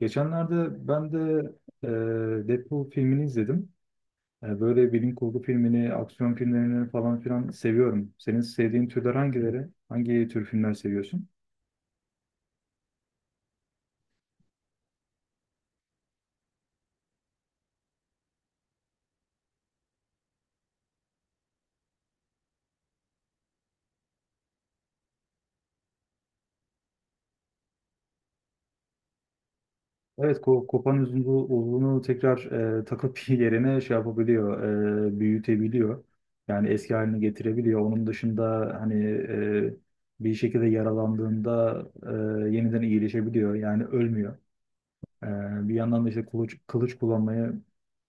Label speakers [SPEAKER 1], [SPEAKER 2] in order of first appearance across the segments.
[SPEAKER 1] Geçenlerde ben de e, Deadpool filmini izledim. Böyle bilim kurgu filmini, aksiyon filmlerini falan filan seviyorum. Senin sevdiğin türler hangileri? Hangi tür filmler seviyorsun? Evet, kopan uzunluğu tekrar takıp yerine şey yapabiliyor, büyütebiliyor. Yani eski haline getirebiliyor. Onun dışında hani bir şekilde yaralandığında yeniden iyileşebiliyor. Yani ölmüyor. Bir yandan da işte kılıç kullanmayı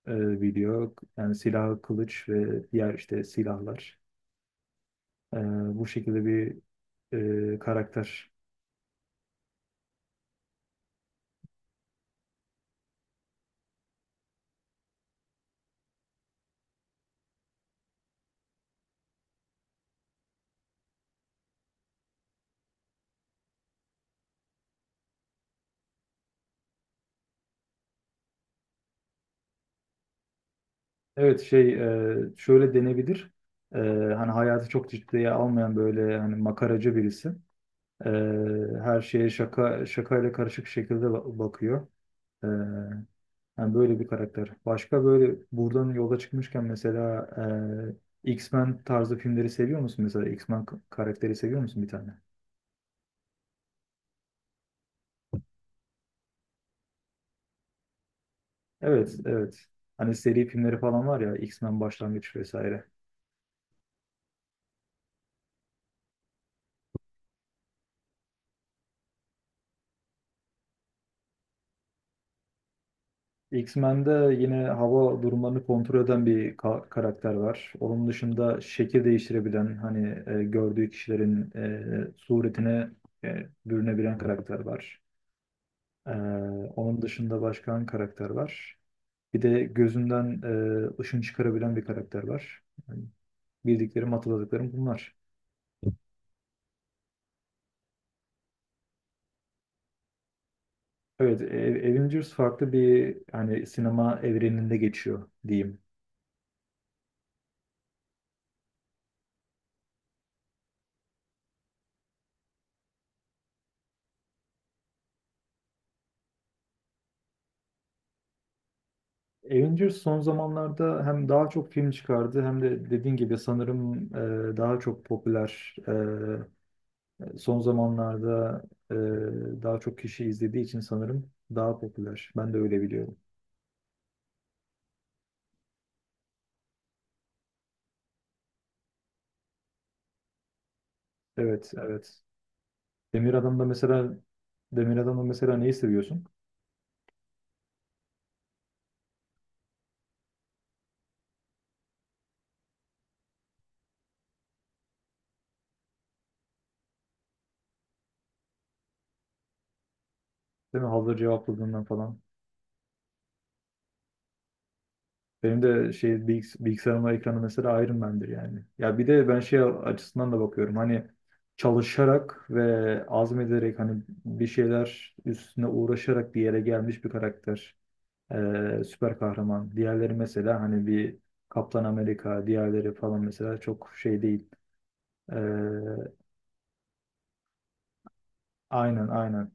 [SPEAKER 1] biliyor. Yani silahı kılıç ve diğer işte silahlar. Ee, Bu şekilde bir karakter. Evet şöyle denebilir. E, Hani hayatı çok ciddiye almayan böyle hani makaracı birisi. E, Her şeye şaka şakayla karışık şekilde bakıyor. Ee, Yani böyle bir karakter. Başka böyle buradan yola çıkmışken mesela X-Men tarzı filmleri seviyor musun? Mesela X-Men karakteri seviyor musun bir tane? Evet, evet. Hani seri filmleri falan var ya X-Men Başlangıç vesaire. X-Men'de yine hava durumlarını kontrol eden bir karakter var. Onun dışında şekil değiştirebilen, hani gördüğü kişilerin suretine bürünebilen karakter var. E, Onun dışında başka hangi karakter var? Bir de gözünden ışın çıkarabilen bir karakter var. Yani bildiklerim, hatırladıklarım bunlar. Evet, Avengers farklı bir hani sinema evreninde geçiyor diyeyim. Avengers son zamanlarda hem daha çok film çıkardı hem de dediğin gibi sanırım daha çok popüler. Son zamanlarda e, daha çok kişi izlediği için sanırım daha popüler. Ben de öyle biliyorum. Evet, evet. Demir Adam'da mesela Demir Adam'da mesela neyi seviyorsun? Değil mi? Hazır cevapladığından falan. Benim de şey bilgisayarımın ekranı mesela Iron Man'dir yani. Ya bir de ben şey açısından da bakıyorum. Hani çalışarak ve azmederek hani bir şeyler üstüne uğraşarak bir yere gelmiş bir karakter. Süper kahraman. Diğerleri mesela hani bir Kaptan Amerika, diğerleri falan mesela çok şey değil. E, aynen aynen.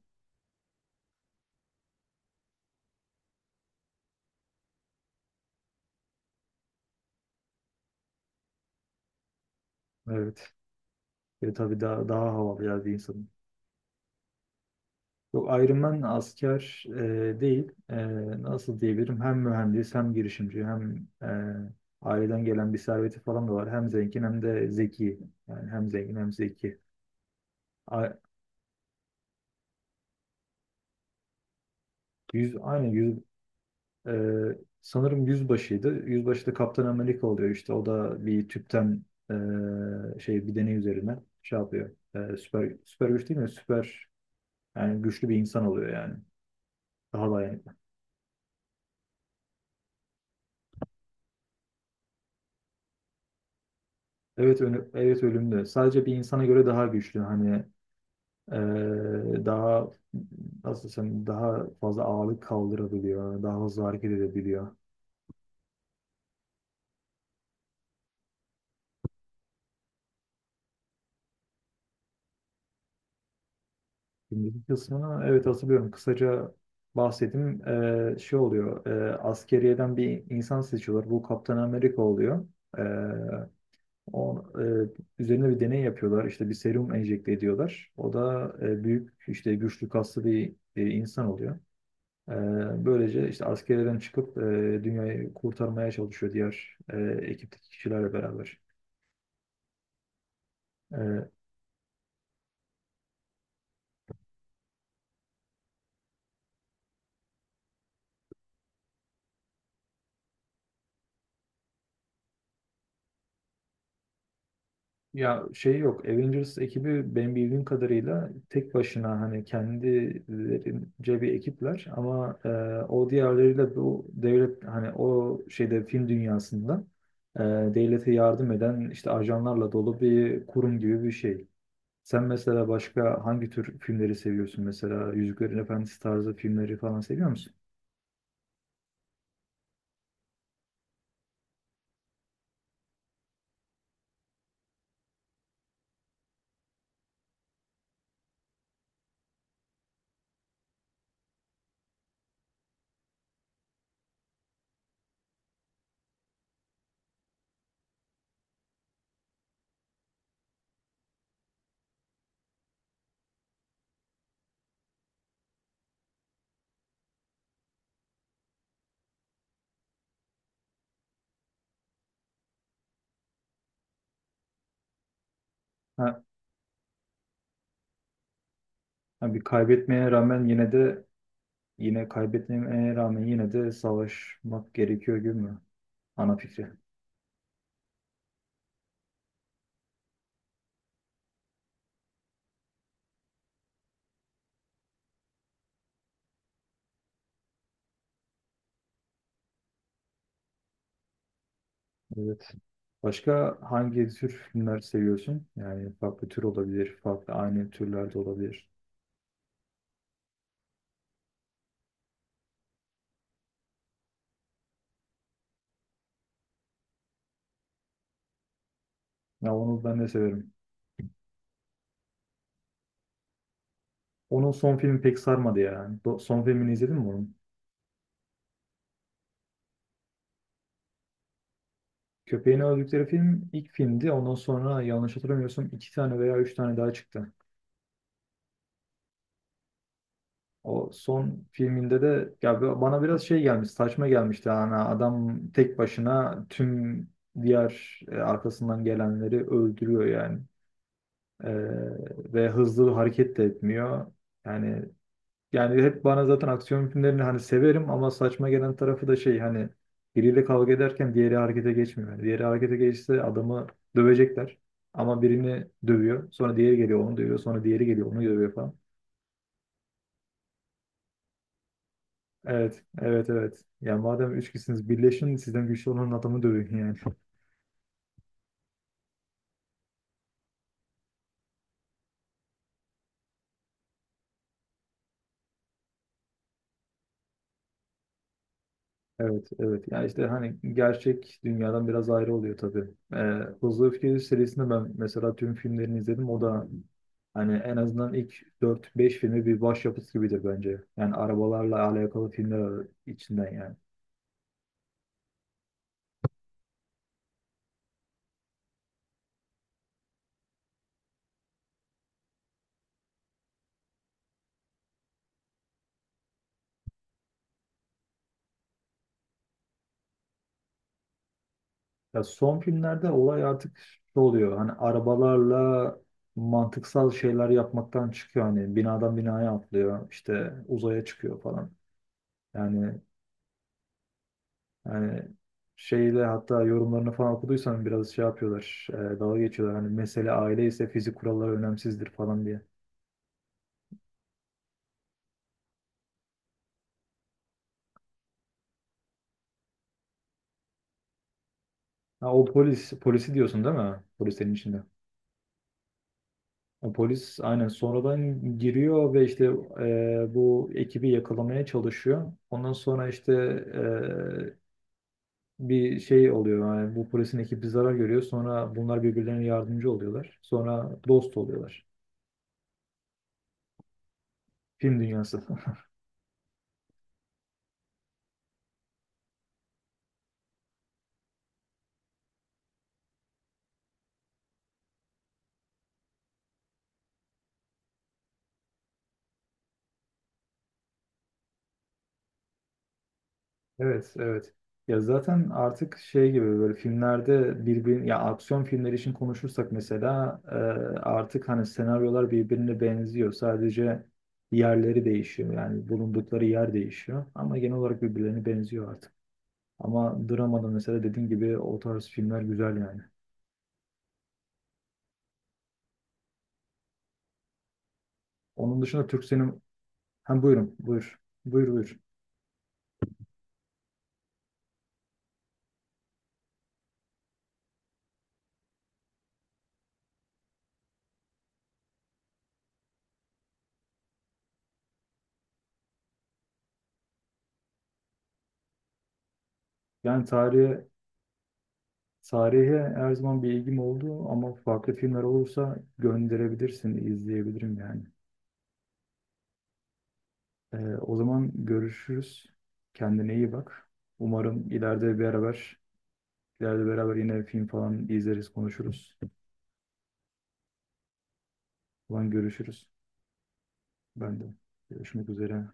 [SPEAKER 1] Evet. Ve tabii daha havalı ya bir insanın. Yok Iron Man asker değil. Nasıl diyebilirim? Hem mühendis hem girişimci hem aileden gelen bir serveti falan da var. Hem zengin hem de zeki. Yani hem zengin hem zeki. A- Yüz, aynı yüz. Ee, Sanırım yüzbaşıydı. Yüzbaşı da Kaptan Amerika oluyor işte. O da bir tüpten şey bir deney üzerine şey yapıyor. Süper süper güç değil mi? Süper yani güçlü bir insan oluyor yani. Daha dayanıklı. Evet evet ölümlü. Sadece bir insana göre daha güçlü. Hani daha nasıl desem daha fazla ağırlık kaldırabiliyor. Daha hızlı hareket edebiliyor. Şimdiki kısmını evet hatırlıyorum. Kısaca bahsedeyim. Şey oluyor. Askeriyeden bir insan seçiyorlar. Bu Kaptan Amerika oluyor. Ee, o üzerine bir deney yapıyorlar. İşte bir serum enjekte ediyorlar. O da büyük işte güçlü kaslı bir insan oluyor. Böylece işte askeriyeden çıkıp dünyayı kurtarmaya çalışıyor diğer ekipteki kişilerle beraber. Ee, Ya şey yok. Avengers ekibi benim bildiğim kadarıyla tek başına hani kendilerince bir ekipler ama o diğerleriyle bu devlet hani o şeyde film dünyasında e, devlete yardım eden işte ajanlarla dolu bir kurum gibi bir şey. Sen mesela başka hangi tür filmleri seviyorsun? Mesela Yüzüklerin Efendisi tarzı filmleri falan seviyor musun? Ha, ha, Bir kaybetmeye rağmen yine de savaşmak gerekiyor gibi mi? Ana fikri. Evet. Başka hangi tür filmler seviyorsun? Yani farklı tür olabilir, farklı aynı türlerde olabilir. Ya onu ben de severim. Onun son filmi pek sarmadı ya. Son filmini izledin mi onun? Köpeğini öldükleri film ilk filmdi. Ondan sonra yanlış hatırlamıyorsam iki tane veya üç tane daha çıktı. O son filminde de ya bana biraz şey gelmiş, saçma gelmişti. Yani adam tek başına tüm diğer arkasından gelenleri öldürüyor yani. Ee, Ve hızlı hareket de etmiyor. Yani yani hep bana zaten aksiyon filmlerini hani severim ama saçma gelen tarafı da şey hani biriyle kavga ederken diğeri harekete geçmiyor. Yani diğeri harekete geçse adamı dövecekler. Ama birini dövüyor. Sonra diğeri geliyor onu dövüyor. Sonra diğeri geliyor onu dövüyor falan. Evet, evet, evet. Yani madem üç kişisiniz birleşin sizden güçlü olan adamı dövün yani. Evet, evet. Yani işte hani gerçek dünyadan biraz ayrı oluyor tabii. Ee, Hızlı Öfke serisinde ben mesela tüm filmlerini izledim. O da hani en azından ilk dört beş filmi bir başyapıt gibidir bence. Yani arabalarla alakalı filmler içinden yani. Ya son filmlerde olay artık şu oluyor. Hani arabalarla mantıksal şeyler yapmaktan çıkıyor. Hani binadan binaya atlıyor. İşte uzaya çıkıyor falan. Yani Yani şeyle hatta yorumlarını falan okuduysan biraz şey yapıyorlar. Dalga geçiyorlar. Hani mesele aile ise fizik kuralları önemsizdir falan diye. Ha, polisi diyorsun değil mi? Polislerin içinde. O polis aynen sonradan giriyor ve işte bu ekibi yakalamaya çalışıyor. Ondan sonra işte bir şey oluyor. Yani bu polisin ekibi zarar görüyor. Sonra bunlar birbirlerine yardımcı oluyorlar. Sonra dost oluyorlar. Film dünyası. Evet, evet. Ya zaten artık şey gibi böyle filmlerde ya aksiyon filmleri için konuşursak mesela artık hani senaryolar birbirine benziyor. Sadece yerleri değişiyor. Yani bulundukları yer değişiyor. Ama genel olarak birbirlerine benziyor artık. Ama dramada mesela dediğin gibi o tarz filmler güzel yani. Onun dışında Türk sinem... Hem buyur. Buyur. Yani tarihe her zaman bir ilgim oldu ama farklı filmler olursa gönderebilirsin, izleyebilirim yani. O zaman görüşürüz. Kendine iyi bak. Umarım ileride beraber yine film falan izleriz, konuşuruz. O zaman görüşürüz. Ben de görüşmek üzere.